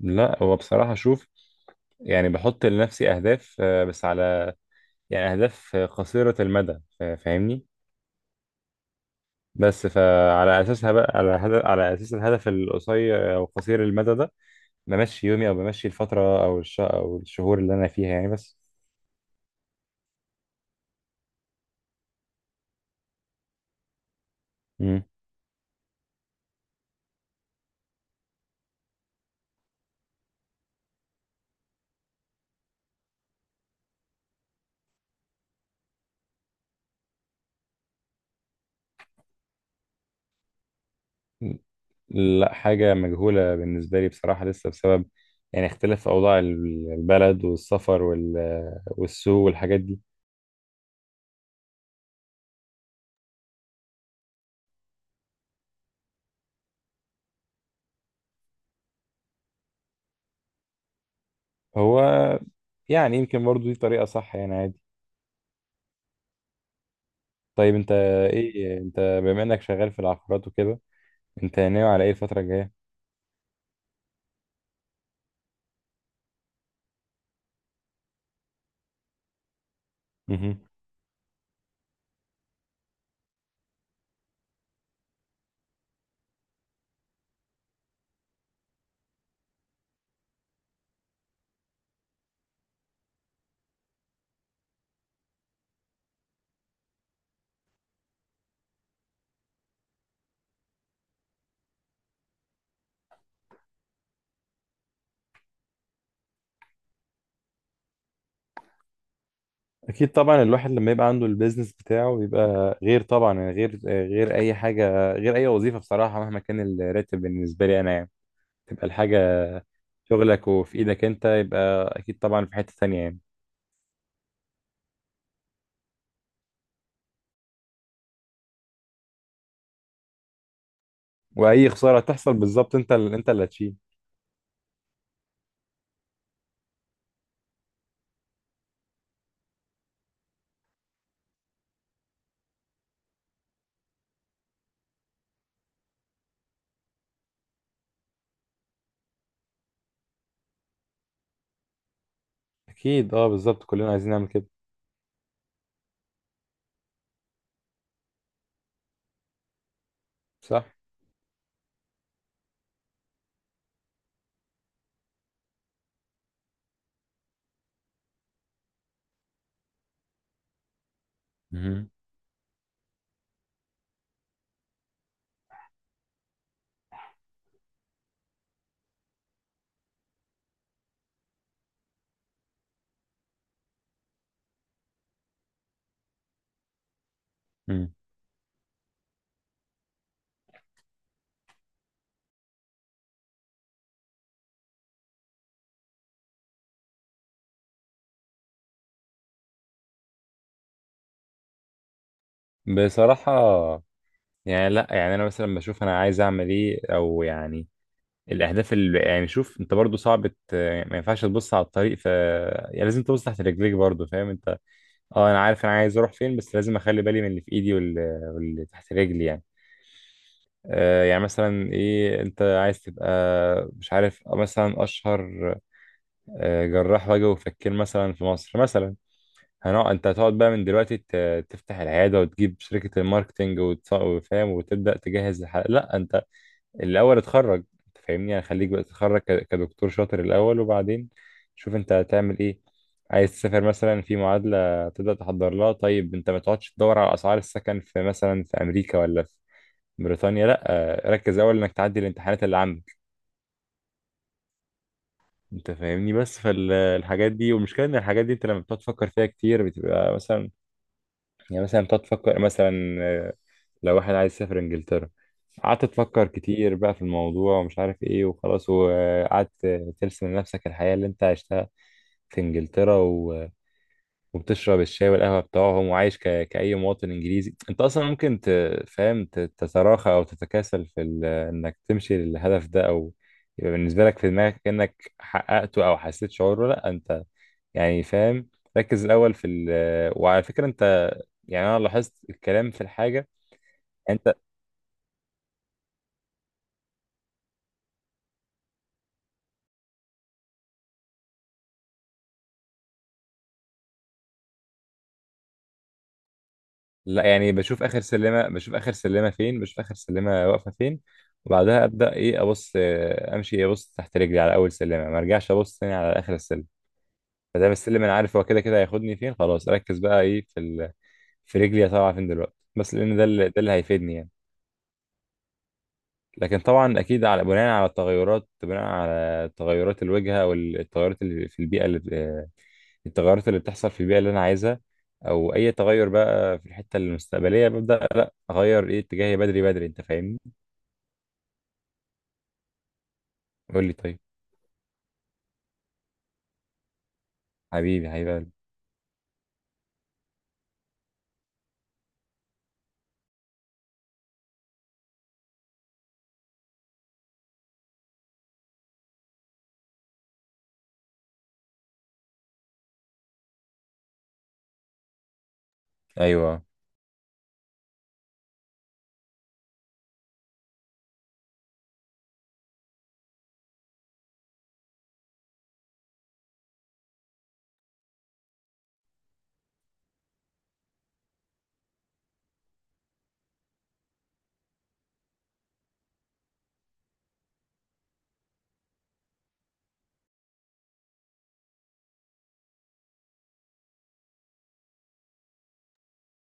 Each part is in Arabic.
لا، هو بصراحة شوف. يعني بحط لنفسي أهداف، بس على يعني أهداف قصيرة المدى. فاهمني. بس فعلى أساسها بقى على هدف، على أساس الهدف القصير أو قصير المدى ده بمشي يومي أو بمشي الفترة أو الشهور اللي أنا فيها يعني بس. مم. لا، حاجة مجهولة بالنسبة لي بصراحة. لسه بسبب يعني اختلاف أوضاع البلد والسفر والسوق والحاجات دي. هو يعني يمكن برضو دي طريقة صح، يعني عادي. طيب انت، ايه انت بما انك شغال في العقارات وكده، انت ناوي على ايه الفترة الجاية؟ مهم. اكيد طبعا، الواحد لما يبقى عنده البيزنس بتاعه بيبقى غير طبعا، يعني غير اي حاجة، غير اي وظيفة بصراحة مهما كان الراتب بالنسبة لي انا يعني. تبقى الحاجة شغلك وفي ايدك انت، يبقى اكيد طبعا في حتة تانية يعني. واي خسارة تحصل بالظبط، انت انت اللي هتشيل. اكيد، اه، بالظبط كلنا عايزين نعمل كده. صح؟ مهم. مم. بصراحة، يعني لا، يعني انا مثلا بشوف انا عايز اعمل ايه او يعني الاهداف اللي يعني. شوف انت برضو صعب ما ينفعش تبص على الطريق، ف يعني لازم تبص تحت رجليك برضو، فاهم انت؟ اه، انا عارف انا عايز اروح فين، بس لازم اخلي بالي من اللي في ايدي واللي تحت رجلي يعني. يعني مثلا ايه انت عايز تبقى؟ مش عارف، مثلا اشهر جراح وجه وفكين مثلا في مصر مثلا. هنقعد؟ انت هتقعد بقى من دلوقتي تفتح العياده وتجيب شركه الماركتينج وفاهم وتبدا تجهز الحلقه؟ لا انت، الاول اتخرج، انت فاهمني، يعني خليك بقى تتخرج كدكتور شاطر الاول، وبعدين شوف انت هتعمل ايه. عايز تسافر، مثلا في معادلة تبدأ تحضر لها، طيب انت ما تقعدش تدور على اسعار السكن في مثلا في امريكا ولا في بريطانيا. لا، ركز اول انك تعدي الامتحانات اللي عندك. انت فاهمني، بس فالحاجات دي، والمشكلة ان الحاجات دي انت لما بتقعد تفكر فيها كتير بتبقى مثلا، يعني مثلا بتقعد تفكر مثلا، لو واحد عايز يسافر انجلترا، قعدت تفكر كتير بقى في الموضوع ومش عارف ايه وخلاص، وقعدت ترسم لنفسك الحياة اللي انت عشتها في انجلترا وبتشرب الشاي والقهوة بتاعهم وعايش كأي مواطن انجليزي. انت اصلا ممكن تفهم تتراخى او تتكاسل في انك تمشي للهدف ده، او يبقى بالنسبة لك في دماغك انك حققته او حسيت شعوره. لا انت، يعني فاهم. ركز الاول في ال... وعلى فكرة انت، يعني انا لاحظت الكلام في الحاجه. انت، لا، يعني بشوف اخر سلمه واقفه فين. وبعدها ابدا ايه؟ ابص، امشي، ابص تحت رجلي على اول سلمه، ما ارجعش ابص تاني على اخر السلم. فدام السلم انا عارف هو كده كده هياخدني فين، خلاص اركز بقى ايه في ال... في رجلي طالعه فين دلوقتي، بس لان ده اللي هيفيدني يعني. لكن طبعا اكيد بناء على التغيرات، بناء على تغيرات الواجهه والتغيرات اللي في البيئه اللي التغيرات اللي بتحصل في البيئه اللي انا عايزها، او اي تغير بقى في الحته المستقبليه ببدا، لا اغير ايه اتجاهي بدري بدري، انت فاهمني. قول لي طيب. حبيبي حبيبي قلبي. ايوه.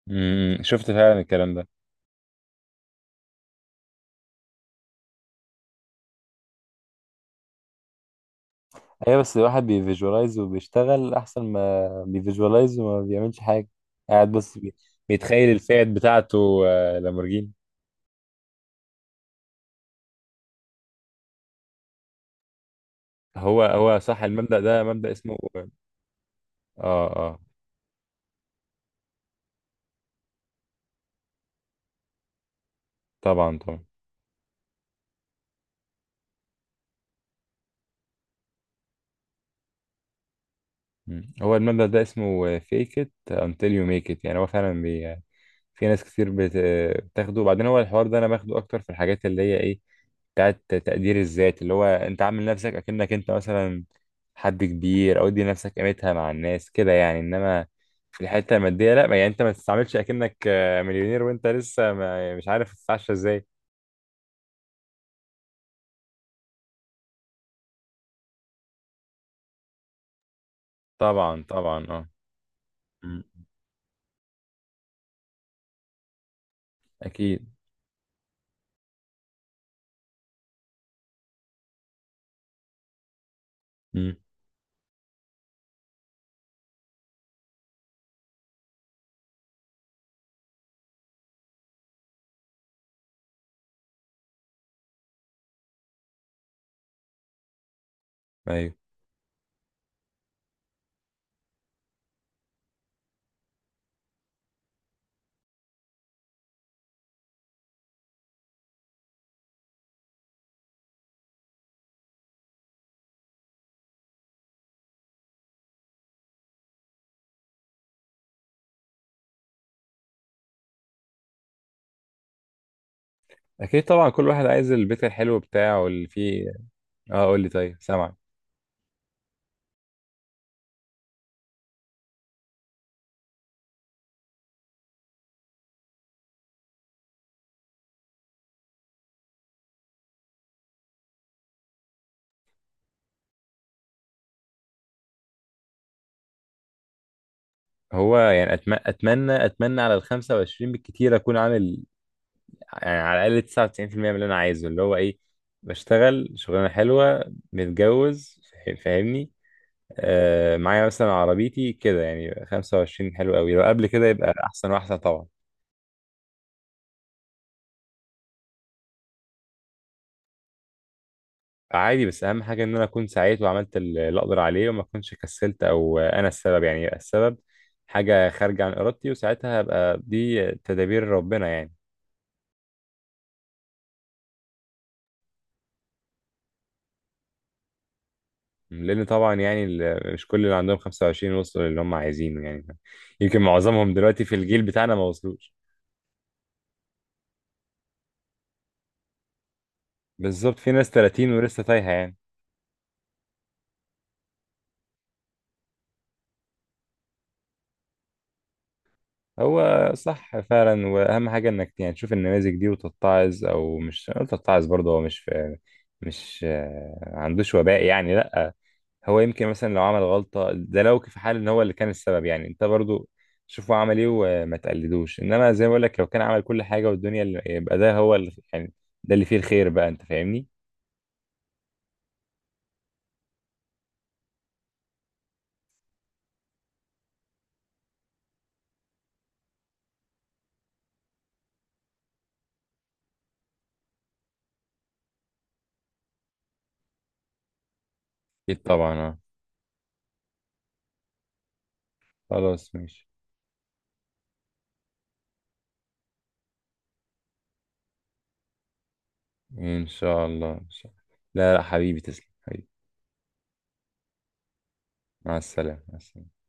امم، شفت فعلا الكلام ده. ايوه، بس الواحد بيفيجوالايز وبيشتغل احسن ما بيفيجوالايز وما بيعملش حاجه. قاعد بس بيتخيل الفئات بتاعته، لامورجيني. هو هو صح، المبدأ ده مبدأ اسمه، اه اه. طبعا طبعا. مم. هو المبدأ ده اسمه fake it until you make it. يعني هو فعلا بي... آه، في ناس كتير بت... آه، بتاخده. وبعدين هو الحوار ده انا باخده اكتر في الحاجات اللي هي ايه، بتاعت تقدير الذات، اللي هو انت عامل نفسك اكنك انت مثلا حد كبير، او ادي نفسك قيمتها مع الناس كده يعني. انما في الحتة المادية لا. يعني انت ما تستعملش اكنك مليونير، وانت لسه ما... مش عارف تتعشى ازاي. طبعا طبعا اه. مم. اكيد. مم. ايوه. اكيد طبعا، كل واحد عايز البيت الحلو بتاعه اللي فيه. اه، قول لي طيب، سامعك. هو يعني أتم... اتمنى اتمنى على ال 25 بالكتير اكون عامل، يعني على الاقل 99% من اللي انا عايزه، اللي هو ايه، بشتغل شغلانه حلوه، متجوز، فاهمني. معايا مثلا عربيتي كده يعني. 25 حلو قوي، لو قبل كده يبقى احسن واحسن طبعا. عادي، بس اهم حاجه ان انا اكون سعيت وعملت اللي اقدر عليه وما اكونش كسلت او انا السبب، يعني يبقى السبب حاجه خارجه عن ارادتي، وساعتها هبقى دي تدابير ربنا يعني. لان طبعا يعني، مش كل اللي عندهم 25 وصلوا للي هم عايزينه يعني. يمكن معظمهم دلوقتي في الجيل بتاعنا ما وصلوش. بالظبط، في ناس 30 ولسه تايهه يعني. هو صح فعلا، واهم حاجه انك يعني تشوف النماذج دي وتتعظ، او مش أقول تتعظ برضه. هو مش في، مش آه، عندوش وباء يعني، لا. هو يمكن مثلا لو عمل غلطة ده، لو في حال ان هو اللي كان السبب يعني، انت برضو شوف هو عمل ايه وما تقلدوش. انما زي ما بقول لك لو كان عمل كل حاجة والدنيا اللي، يبقى ده هو اللي يعني، ده اللي فيه الخير بقى، انت فاهمني. اكيد طبعا اه. خلاص ماشي. ان شاء الله ان شاء الله. لا، لا حبيبي، تسلم حبيبي. مع السلامة، مع السلامة.